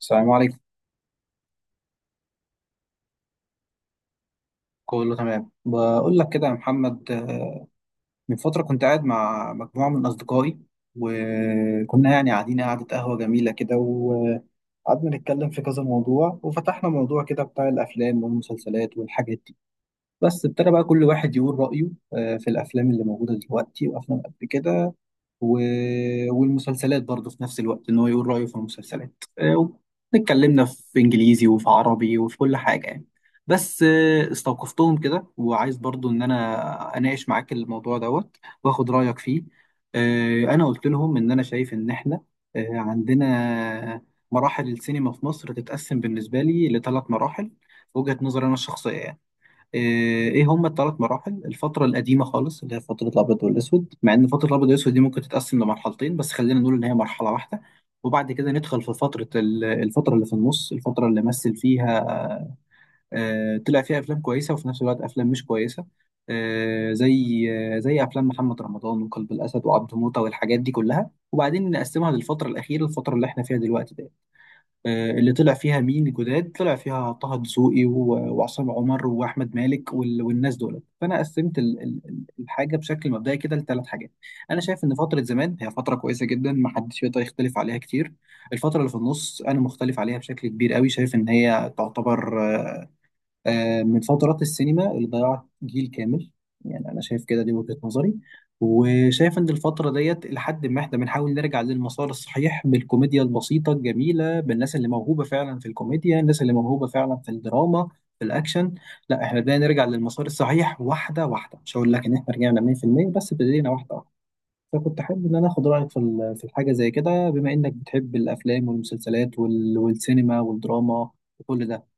السلام عليكم. كله تمام، بقول لك كده يا محمد. من فترة كنت قاعد مع مجموعة من أصدقائي، وكنا يعني قاعدين قعدة قهوة جميلة كده، وقعدنا نتكلم في كذا موضوع، وفتحنا موضوع كده بتاع الأفلام والمسلسلات والحاجات دي. بس ابتدى بقى كل واحد يقول رأيه في الأفلام اللي موجودة دلوقتي وأفلام قبل كده، و... والمسلسلات برضه في نفس الوقت، ان هو يقول رأيه في المسلسلات. اتكلمنا في انجليزي وفي عربي وفي كل حاجة يعني. بس استوقفتهم كده، وعايز برضه ان انا اناقش معاك الموضوع دوت واخد رأيك فيه. انا قلت لهم ان انا شايف ان احنا عندنا مراحل السينما في مصر تتقسم بالنسبة لي لثلاث مراحل، وجهة نظري انا الشخصية يعني. آه، ايه هم الثلاث مراحل؟ الفتره القديمه خالص اللي هي فتره الابيض والاسود، مع ان فتره الابيض والاسود دي ممكن تتقسم لمرحلتين، بس خلينا نقول ان هي مرحله واحده. وبعد كده ندخل في فتره الفتره اللي في النص، الفتره اللي مثل فيها طلع فيها افلام كويسه، وفي نفس الوقت افلام مش كويسه. آه، زي زي افلام محمد رمضان وقلب الاسد وعبده موته والحاجات دي كلها. وبعدين نقسمها للفتره الاخيره، الفتره اللي احنا فيها دلوقتي، اللي طلع فيها مين جداد، طلع فيها طه دسوقي وعصام عمر واحمد مالك والناس دول. فانا قسمت الحاجه بشكل مبدئي كده لثلاث حاجات. انا شايف ان فتره زمان هي فتره كويسه جدا، ما حدش يقدر يختلف عليها كتير. الفتره اللي في النص انا مختلف عليها بشكل كبير قوي، شايف ان هي تعتبر من فترات السينما اللي ضيعت جيل كامل يعني. أنا شايف كده، دي وجهة نظري. وشايف إن الفترة ديت لحد ما إحنا بنحاول نرجع للمسار الصحيح بالكوميديا البسيطة الجميلة، بالناس اللي موهوبة فعلا في الكوميديا، الناس اللي موهوبة فعلا في الدراما، في الأكشن. لا، إحنا بدأنا نرجع للمسار الصحيح واحدة واحدة. مش هقول لك إن إحنا رجعنا 100%، بس ابتدينا واحدة واحدة. فكنت حابب إن أنا آخد رأيك في في الحاجة زي كده، بما إنك بتحب الأفلام والمسلسلات والسينما والدراما وكل ده.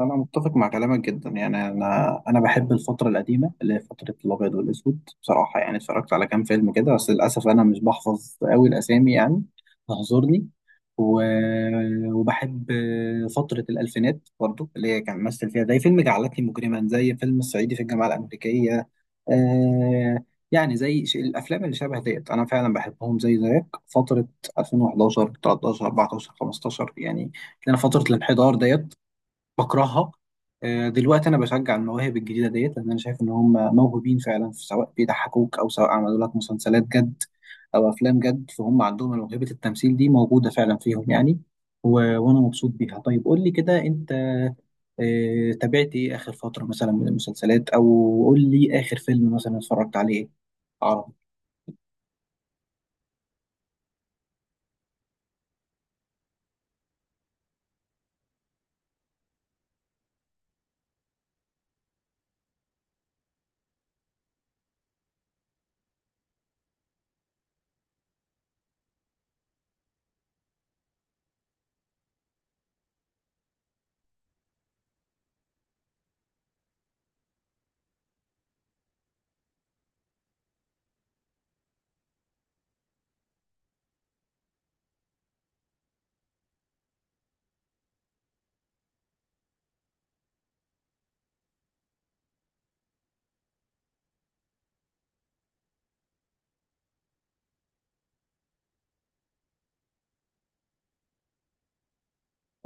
أنا متفق مع كلامك جدا يعني. أنا بحب الفترة القديمة اللي هي فترة الأبيض والأسود بصراحة، يعني اتفرجت على كام فيلم كده، بس للأسف أنا مش بحفظ أوي الأسامي يعني، تحضرني. و... وبحب فترة الألفينات برضو اللي هي كان مثل فيها، زي فيلم جعلتني مجرما، زي فيلم الصعيدي في الجامعة الأمريكية. آه، يعني زي الأفلام اللي شبه ديت أنا فعلا بحبهم، زي زيك فترة 2011 13 14 15 يعني، لأن فترة الانحدار ديت بكرهها. دلوقتي انا بشجع المواهب الجديده ديت، لان انا شايف ان هم موهوبين فعلا، في سواء بيضحكوك او سواء عملوا لك مسلسلات جد او افلام جد. فهم عندهم موهبه التمثيل دي موجوده فعلا فيهم يعني. و... وانا مبسوط بيها. طيب قول لي كده انت تابعت ايه اخر فتره مثلا من المسلسلات، او قول لي اخر فيلم مثلا اتفرجت عليه عربي.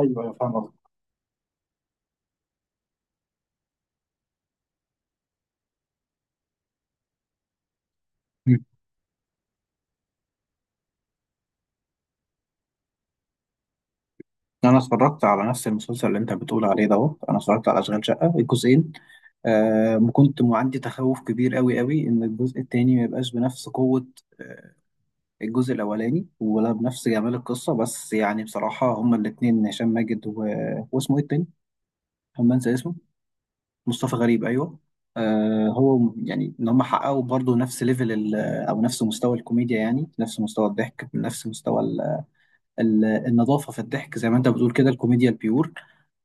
ايوه، ايوه، فاهم قصدك. مم. انا اتفرجت على نفس المسلسل اللي انت بتقول عليه دوت، انا اتفرجت على اشغال شقه الجزئين. آه، كنت عندي تخوف كبير قوي قوي ان الجزء التاني ما يبقاش بنفس قوة آه الجزء الاولاني، ولا بنفس جمال القصة. بس يعني بصراحة هما الاتنين هشام ماجد واسمه ايه التاني؟ أنا بنسى اسمه. مصطفى غريب، ايوه. آه، هو يعني ان هم حققوا برضه نفس ليفل او نفس مستوى الكوميديا، يعني نفس مستوى الضحك، نفس مستوى النظافه في الضحك، زي ما انت بتقول كده الكوميديا البيور.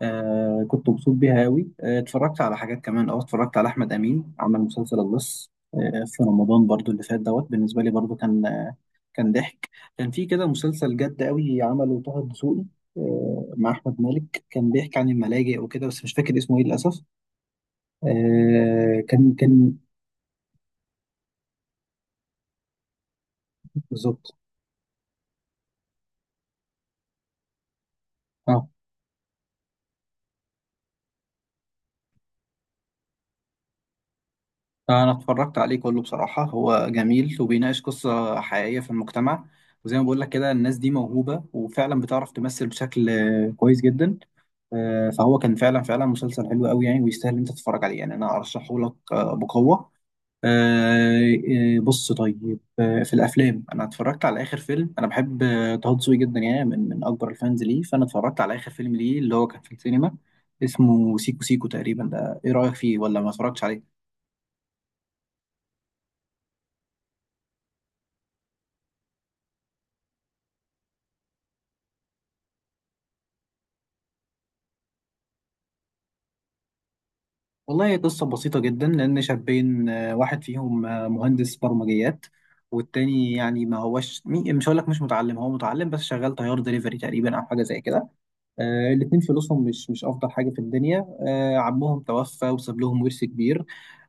آه، كنت مبسوط بيها قوي. آه، اتفرجت على حاجات كمان. اه، اتفرجت على احمد امين، عمل مسلسل اللص آه في رمضان برضو اللي فات دوت. بالنسبه لي برضو كان ضحك. كان في كده مسلسل جد قوي عمله طه الدسوقي، آه، مع احمد مالك، كان بيحكي عن الملاجئ وكده، بس مش فاكر اسمه ايه للاسف. آه، كان بالظبط. آه. أنا اتفرجت عليه كله بصراحة، هو جميل وبيناقش قصة حقيقية في المجتمع. وزي ما بقول لك كده الناس دي موهوبة وفعلا بتعرف تمثل بشكل كويس جدا. فهو كان فعلا فعلا مسلسل حلو قوي يعني، ويستاهل إن أنت تتفرج عليه يعني، أنا أرشحه لك بقوة. آه، بص، طيب. في الأفلام أنا اتفرجت على آخر فيلم. أنا بحب طه دسوقي جدا يعني، من أكبر الفانز ليه. فأنا اتفرجت على آخر فيلم ليه اللي هو كان في السينما، اسمه سيكو سيكو تقريبا. ده إيه رأيك فيه، ولا ما اتفرجتش عليه؟ والله هي قصة بسيطة جدا. لأن شابين واحد فيهم مهندس برمجيات، والتاني يعني ما هوش مش هقول لك مش متعلم، هو متعلم، بس شغال طيار دليفري تقريبا، أو حاجة زي كده. الاتنين فلوسهم مش أفضل حاجة في الدنيا. عمهم توفى وساب لهم ورث كبير.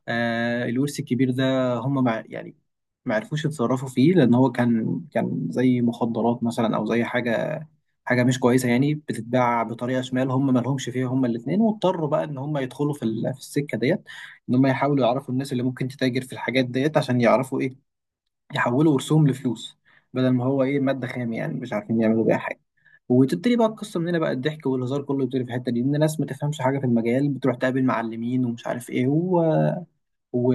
الورث الكبير ده هم مع يعني ما عرفوش يتصرفوا فيه، لأن هو كان زي مخدرات مثلا أو زي حاجة، حاجه مش كويسه يعني، بتتباع بطريقه شمال هم ما لهمش فيها هم الاثنين. واضطروا بقى ان هم يدخلوا في في السكه ديت، ان هم يحاولوا يعرفوا الناس اللي ممكن تتاجر في الحاجات ديت عشان يعرفوا ايه، يحولوا رسوم لفلوس، بدل ما هو ايه ماده خام يعني، مش عارفين يعملوا بيها حاجه. وتبتدي بقى القصه من هنا، بقى الضحك والهزار كله يبتدي في الحته دي، ان ناس ما تفهمش حاجه في المجال بتروح تقابل معلمين ومش عارف ايه. و...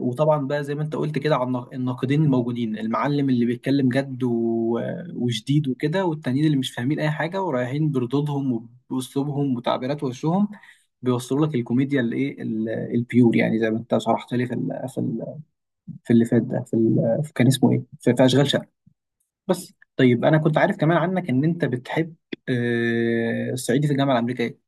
وطبعا بقى زي ما انت قلت كده، على الناقدين الموجودين، المعلم اللي بيتكلم جد وشديد وكده، والتانيين اللي مش فاهمين اي حاجه ورايحين بردودهم وباسلوبهم وتعبيرات وشهم، بيوصلوا لك الكوميديا الايه البيور، يعني زي ما انت شرحت لي في اللي فات ده، في كان اسمه ايه، في اشغال شقه. بس طيب انا كنت عارف كمان عنك ان انت بتحب الصعيدي في الجامعه الامريكيه.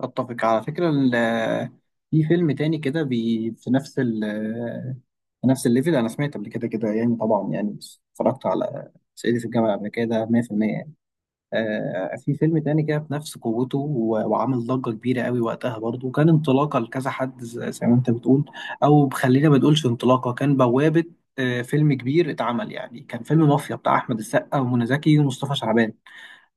اتفق على فكره في فيلم تاني كده بي في نفس ال في نفس الليفل. انا سمعت قبل كده كده يعني طبعا يعني، بس اتفرجت على صعيدي في الجامعه الامريكيه ده 100% يعني. آه، في فيلم تاني كده بنفس قوته وعامل ضجه كبيره قوي وقتها برضه، وكان انطلاقه لكذا حد زي ما انت بتقول. او خلينا ما نقولش انطلاقه، كان بوابه. آه، فيلم كبير اتعمل يعني، كان فيلم مافيا بتاع احمد السقا ومنى زكي ومصطفى شعبان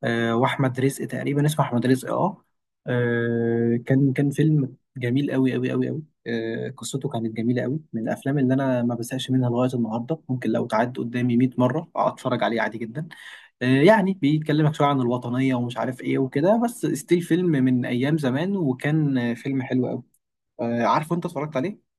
واحمد رزق تقريبا، اسمه احمد رزق اه. آه، كان فيلم جميل قوي قوي قوي قوي. آه، قصته كانت جميله قوي، من الافلام اللي انا ما بزهقش منها لغايه النهارده. ممكن لو تعد قدامي 100 مره اتفرج عليه عادي جدا. آه، يعني بيتكلمك شويه عن الوطنيه ومش عارف ايه وكده، بس ستيل فيلم من ايام زمان، وكان آه، فيلم حلو قوي. آه، عارفه انت اتفرجت عليه.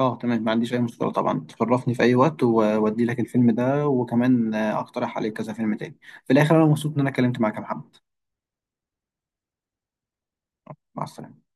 اه تمام، ما عنديش اي مشكله طبعا، تشرفني في اي وقت واودي لك الفيلم ده. وكمان اقترح عليك كذا فيلم تاني. في الاخر، انا مبسوط ان انا اتكلمت معاك يا محمد. مع السلامة.